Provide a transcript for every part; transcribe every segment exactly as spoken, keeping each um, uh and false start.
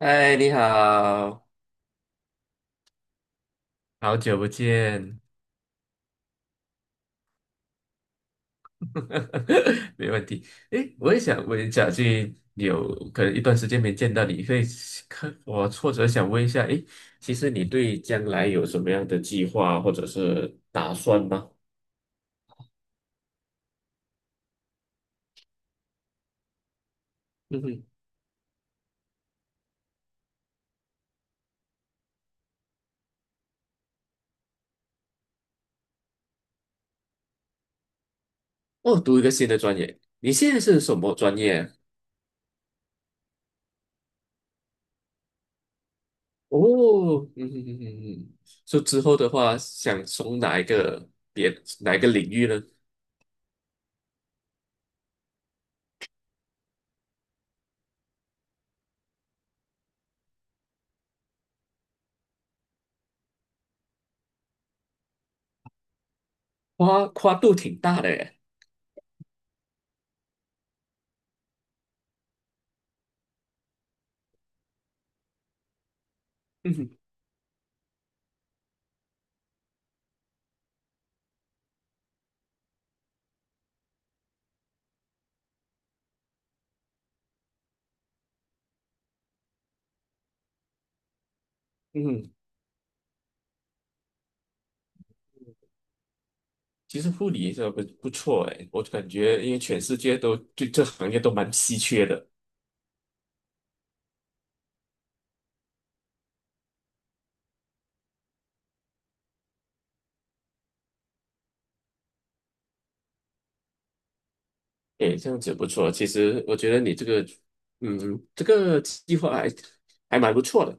嗨，你好，好久不见，没问题。诶，我也想问，一下去有可能一段时间没见到你，会看我挫折，想问一下，诶，其实你对将来有什么样的计划或者是打算吗？嗯哼。哦，读一个新的专业，你现在是什么专业啊？哦，嗯哼哼哼哼。说之后的话，想从哪一个别哪一个领域呢？跨跨度挺大的耶。嗯哼嗯哼。其实护理也是不不错哎，我感觉因为全世界都对这行业都蛮稀缺的。哎，这样子不错。其实我觉得你这个，嗯，这个计划还还蛮不错的。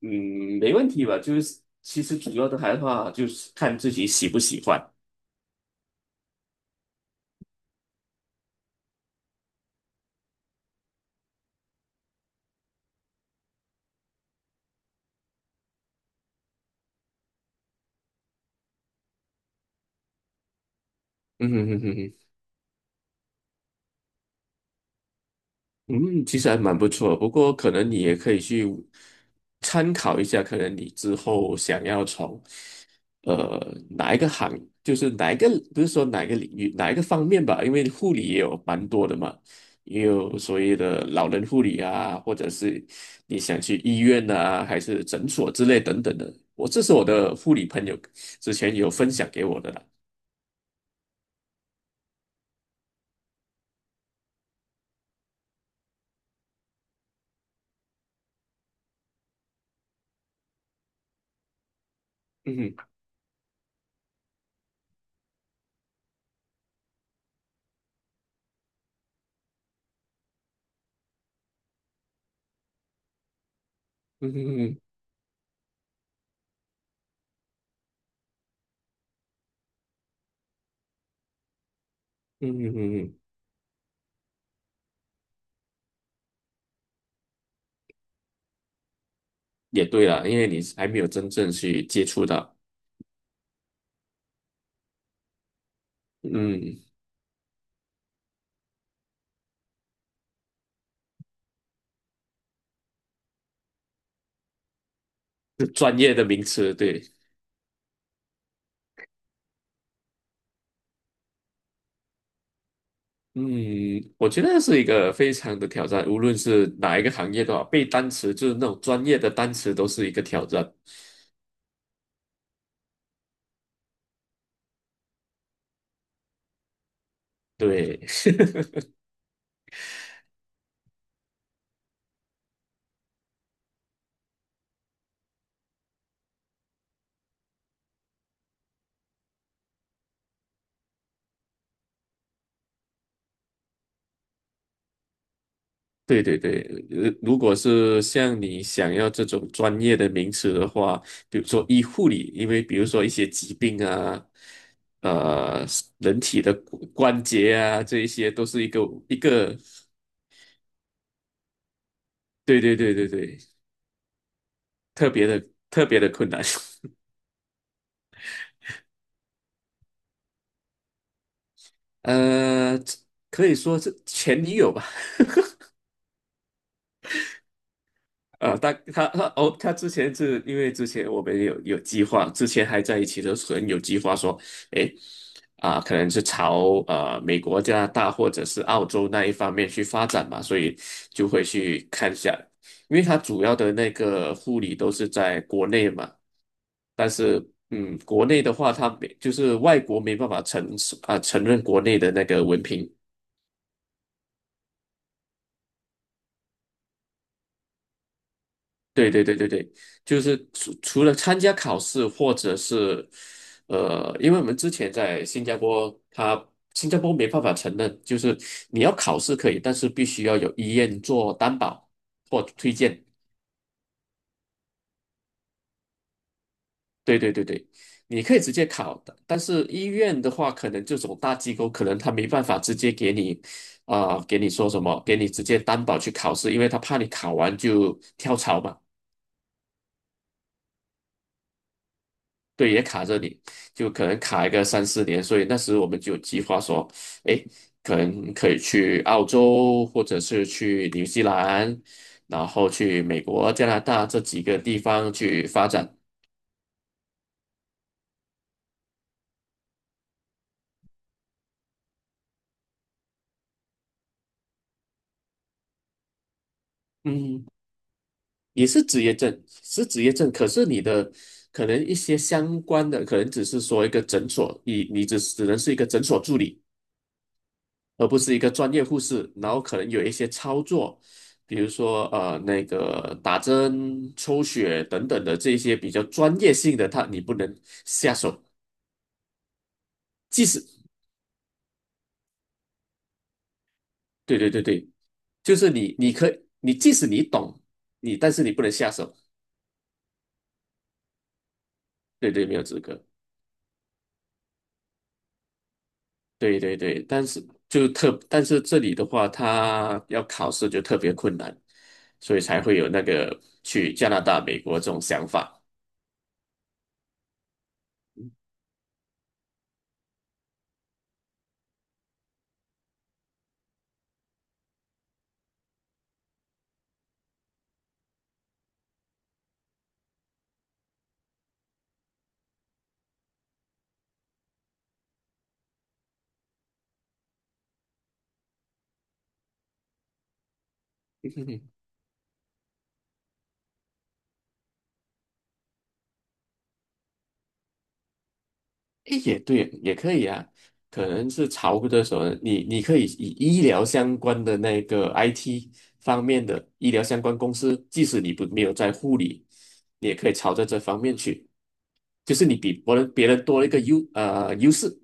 嗯，没问题吧？就是其实主要的还话就是看自己喜不喜欢。嗯哼哼哼哼。嗯，其实还蛮不错，不过可能你也可以去参考一下，可能你之后想要从呃哪一个行，就是哪一个，不是说哪一个领域，哪一个方面吧，因为护理也有蛮多的嘛，也有所谓的老人护理啊，或者是你想去医院啊，还是诊所之类等等的。我这是我的护理朋友之前有分享给我的啦。嗯哼嗯哼。嗯哼嗯哼。嗯哼。也对啦，因为你还没有真正去接触到。嗯，是专业的名词，对。嗯，我觉得是一个非常的挑战，无论是哪一个行业的话，背单词就是那种专业的单词都是一个挑战。对。对对对，呃如果是像你想要这种专业的名词的话，比如说医护理，因为比如说一些疾病啊，呃，人体的骨关节啊，这一些都是一个一个，对对对对对，特别的特别的困难。呃，可以说是前女友吧。呃，他他他哦，他之前是因为之前我们有有计划，之前还在一起的时候有计划说，诶，啊、可能是朝呃美国、加拿大或者是澳洲那一方面去发展嘛，所以就会去看一下，因为他主要的那个护理都是在国内嘛，但是嗯，国内的话，他没就是外国没办法承啊、承认国内的那个文凭。对对对对对，就是除除了参加考试，或者是，呃，因为我们之前在新加坡，它新加坡没办法承认，就是你要考试可以，但是必须要有医院做担保或推荐。对对对对，你可以直接考的，但是医院的话，可能这种大机构可能他没办法直接给你，啊、给你说什么，给你直接担保去考试，因为他怕你考完就跳槽嘛。对，也卡着你，就可能卡一个三四年，所以那时我们就有计划说，哎，可能可以去澳洲，或者是去新西兰，然后去美国、加拿大这几个地方去发展。嗯，也是职业证，是职业证，可是你的可能一些相关的，可能只是说一个诊所，你你只只能是一个诊所助理。而不是一个专业护士，然后可能有一些操作，比如说呃那个打针、抽血等等的这些比较专业性的，他你不能下手。即使对对对对，就是你你可你即使你懂你，但是你不能下手。对对，没有资格。对对对，但是就特，但是这里的话，他要考试就特别困难，所以才会有那个去加拿大、美国这种想法。诶也对，也可以啊。可能是潮的时候，你你可以以医疗相关的那个 I T 方面的医疗相关公司，即使你不没有在护理，你也可以朝着这方面去，就是你比别人别人多了一个优呃优势。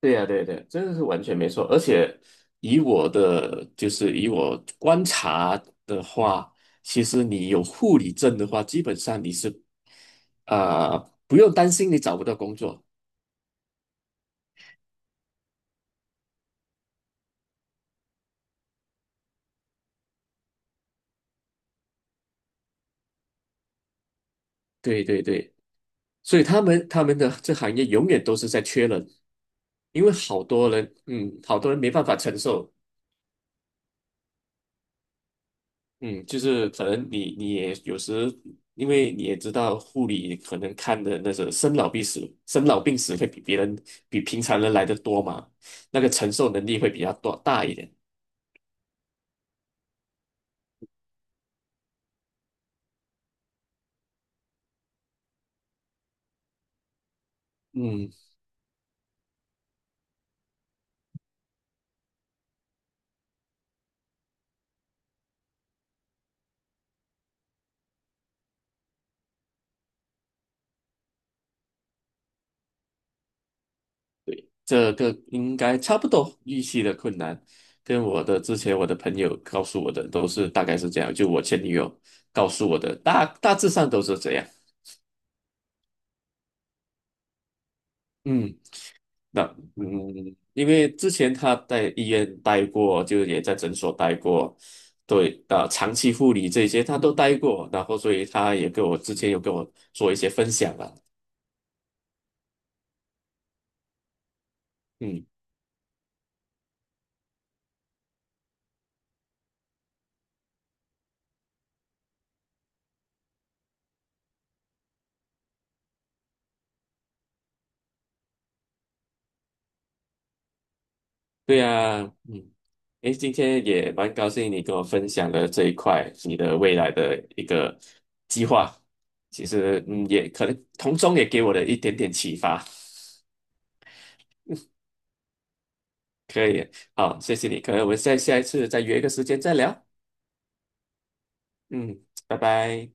对呀，对呀对呀，这个是完全没错。而且以我的就是以我观察的话，其实你有护理证的话，基本上你是呃不用担心你找不到工作。对对对。所以他们他们的这行业永远都是在缺人，因为好多人，嗯，好多人没办法承受。嗯，就是可能你你也有时，因为你也知道护理可能看的那种生老病死，生老病死会比别人比平常人来的多嘛，那个承受能力会比较多大一点。嗯，这个应该差不多预期的困难，跟我的之前我的朋友告诉我的都是大概是这样，就我前女友告诉我的大大致上都是这样。嗯，那嗯，因为之前他在医院待过，就也在诊所待过，对，呃，长期护理这些他都待过，然后所以他也跟我之前有跟我做一些分享了。嗯，对呀。嗯，诶，今天也蛮高兴你跟我分享了这一块你的未来的一个计划，其实嗯，也可能从中也给我的一点点启发。可以，好，谢谢你，可能我们下下一次再约一个时间再聊。嗯，拜拜。